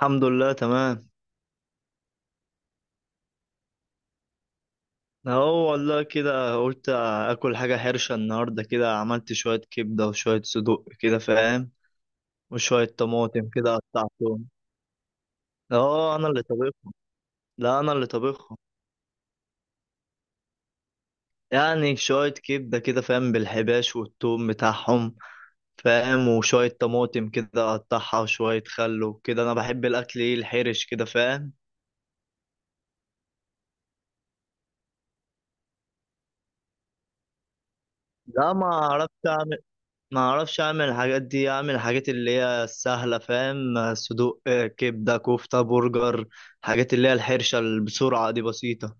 الحمد لله تمام. اهو والله كده قلت اكل حاجة حرشة النهاردة، كده عملت شوية كبدة وشوية صدوق، كده فاهم؟ وشوية طماطم كده قطعتهم. اه، انا اللي طبخهم. لا، انا اللي طبخهم. يعني شوية كبدة كده، فاهم؟ بالحباش والثوم بتاعهم. فاهم؟ وشوية طماطم كده اقطعها، وشوية خل وكده. انا بحب الاكل ايه؟ الحرش كده، فاهم؟ لا، ما عرفت اعمل. ما اعرفش اعمل الحاجات دي، اعمل الحاجات اللي هي السهله، فاهم؟ صدوق، آه، كبده، كفته، برجر. الحاجات اللي هي الحرشه اللي بسرعه دي بسيطه.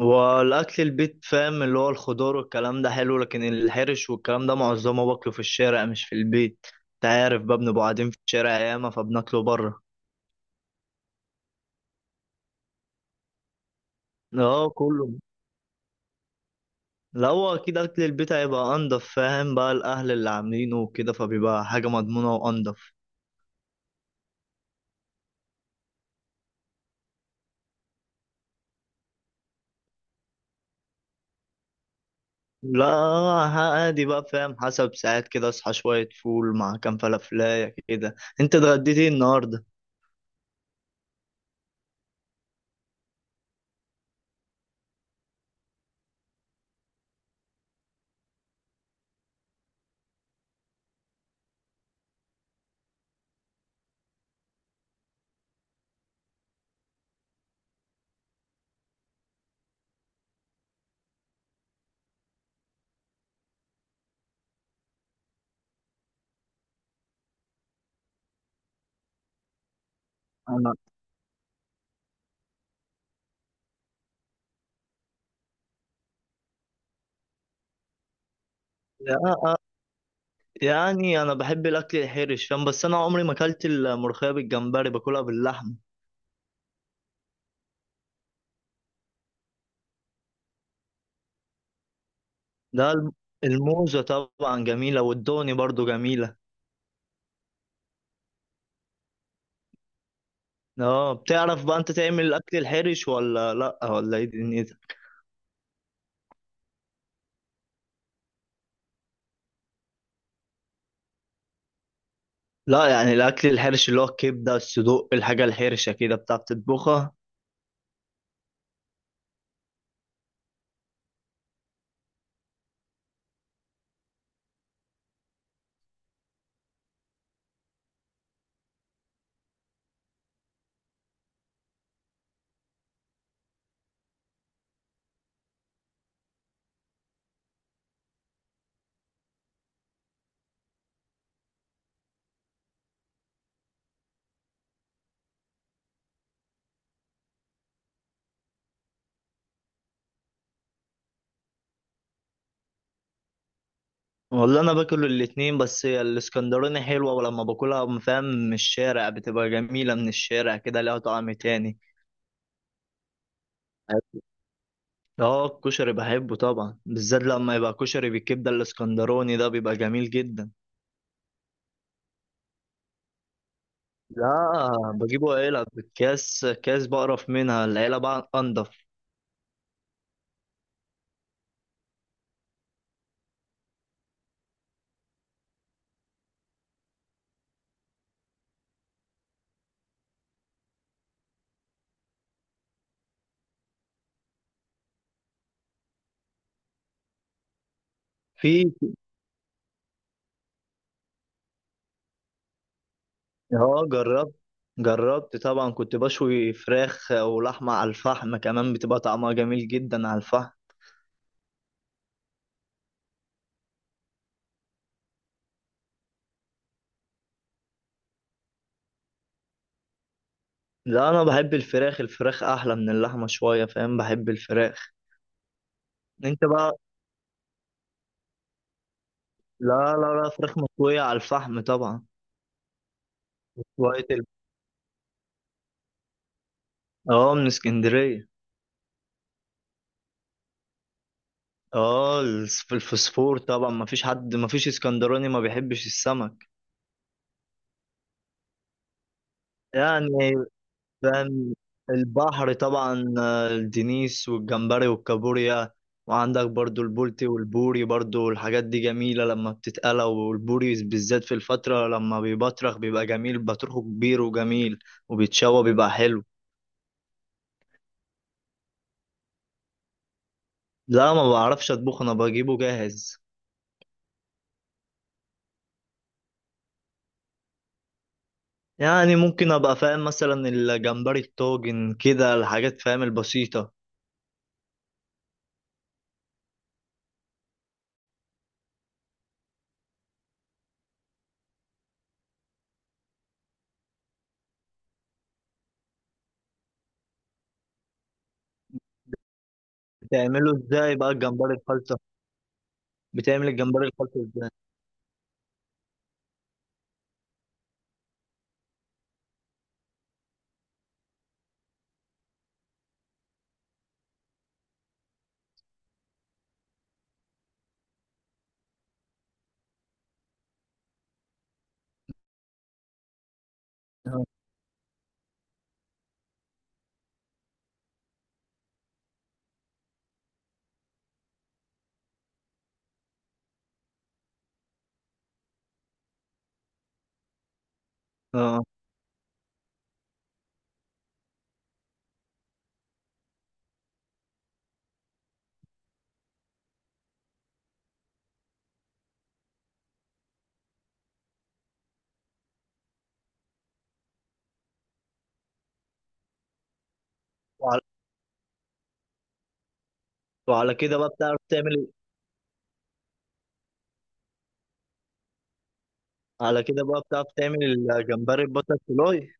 والاكل البيت، فاهم، اللي هو الخضار والكلام ده حلو، لكن الحرش والكلام ده معظمه باكله في الشارع، مش في البيت. انت عارف بقى، بنبقى قاعدين في الشارع ياما، فبناكله بره. اه، كله. لا، هو اكيد اكل البيت هيبقى انضف، فاهم؟ بقى الاهل اللي عاملينه وكده، فبيبقى حاجه مضمونه وانضف. لا. عادي بقى، فاهم؟ حسب، ساعات كده اصحى شوية فول مع كام فلافلاية كده. انت اتغديت ايه النهاردة؟ انا يا- آه، يعني انا بحب الاكل الحرش، فاهم؟ بس انا عمري ما اكلت الملوخية بالجمبري، باكلها باللحمة. ده الم- الموزة طبعا جميلة، والدوني برضو جميلة. اه، بتعرف بقى انت تعمل الاكل الحرش ولا لا، ولا ايه دنيتك؟ لا، يعني الاكل الحرش اللي هو الكبدة، الصدوق، الحاجة الحرشة كده. بتعرف تطبخها؟ والله انا باكل الاتنين، بس هي الاسكندراني حلوه، ولما باكلها فاهم، من الشارع بتبقى جميله. من الشارع كده ليها طعم تاني. اه، الكشري بحبه طبعا، بالذات لما يبقى كشري بالكبده الاسكندراني، ده بيبقى جميل جدا. لا، بجيبه علب. بالكاس كاس بقرف منها، العلب بقى انضف. في اه، جربت. طبعا كنت بشوي فراخ ولحمه على الفحم كمان، بتبقى طعمها جميل جدا على الفحم. لا، انا بحب الفراخ. الفراخ احلى من اللحمه شويه، فاهم؟ بحب الفراخ. انت بقى. لا لا لا، فراخ مشويه على الفحم طبعا. شويه ال- اه، من اسكندريه. الفسفور طبعا. ما فيش حد، ما فيش اسكندراني ما بيحبش السمك. يعني، كان البحر طبعا، آه، الدنيس والجمبري والكابوريا. وعندك برضو البولتي والبوري، برضو الحاجات دي جميلة لما بتتقلى. والبوري بالذات في الفترة لما بيبطرخ بيبقى جميل، بطرخه كبير وجميل، وبيتشوى بيبقى حلو. لا، ما بعرفش اطبخ، انا بجيبه جاهز. يعني ممكن ابقى فاهم مثلا الجمبري الطاجن كده، الحاجات فاهم البسيطة. بتعمله ازاي بقى الجمبري الخلطة؟ بتعمل الجمبري الخلطة ازاي؟ اه. آه. وعلى وعلى كده بقى بتعرف تعمل. على كده بقى بتعرف تعمل الجمبري الباتر فلاي؟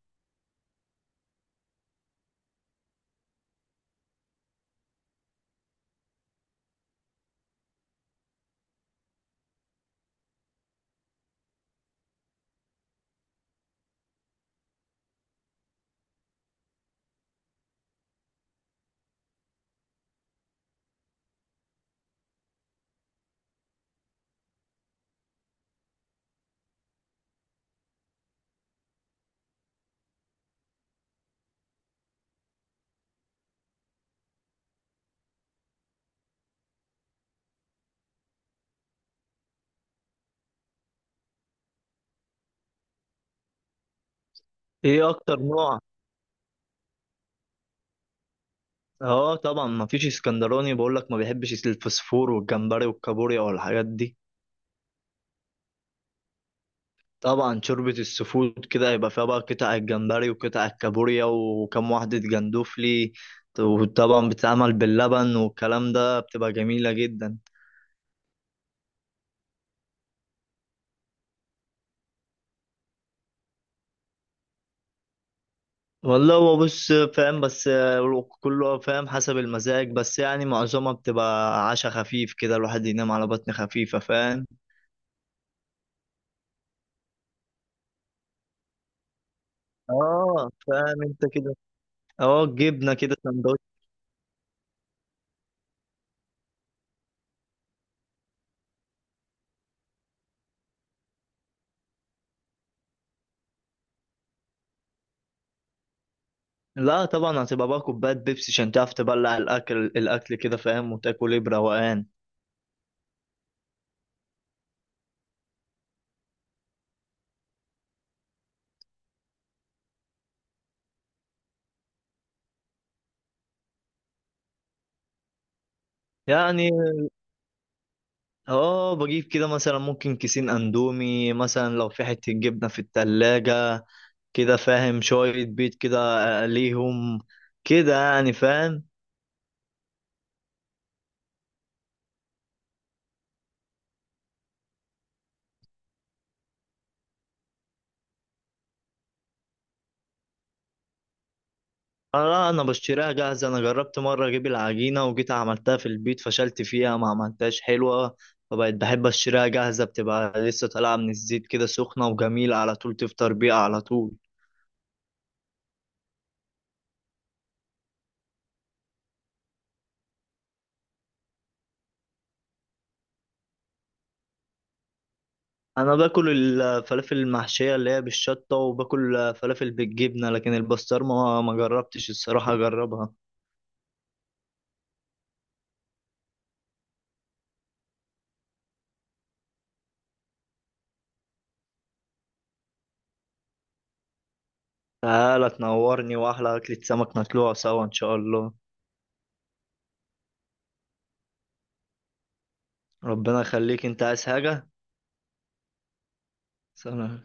ايه اكتر نوع؟ اه، طبعا ما فيش اسكندراني، بقول لك، ما بيحبش الفسفور والجمبري والكابوريا والحاجات دي. طبعا شوربة السفود كده يبقى فيها بقى قطع الجمبري وقطع الكابوريا وكم واحدة جندوفلي، وطبعا بتتعمل باللبن والكلام ده، بتبقى جميلة جدا. والله، هو بص فاهم، بس كله فاهم حسب المزاج، بس يعني معظمها بتبقى عشاء خفيف كده، الواحد ينام على بطن خفيفة، فاهم؟ اه فاهم انت كده. اه، جبنه كده سندوتش. لا طبعا هتبقى بقى كوبايه بيبسي، عشان تعرف تبلع الاكل. الاكل كده فاهم، وتاكل، ايه، بروقان. يعني اه، بجيب كده مثلا ممكن كيسين اندومي مثلا، لو في حته جبنه في التلاجة كده فاهم، شويه بيض كده اقليهم كده، يعني فاهم. اه، انا بشتريها جاهزه. انا جربت مره اجيب العجينه، وجيت عملتها في البيت، فشلت فيها، ما عملتهاش حلوه. فبقيت بحب اشتريها جاهزه، بتبقى لسه طالعه من الزيت كده سخنه وجميله، على طول تفطر بيها على طول. انا باكل الفلافل المحشيه اللي هي بالشطه، وباكل فلافل بالجبنه، لكن البسطرمه ما جربتش، الصراحه اجربها. تعالى تنورني، واحلى اكله سمك نطلعها سوا ان شاء الله. ربنا يخليك، انت عايز حاجه؟ سلام.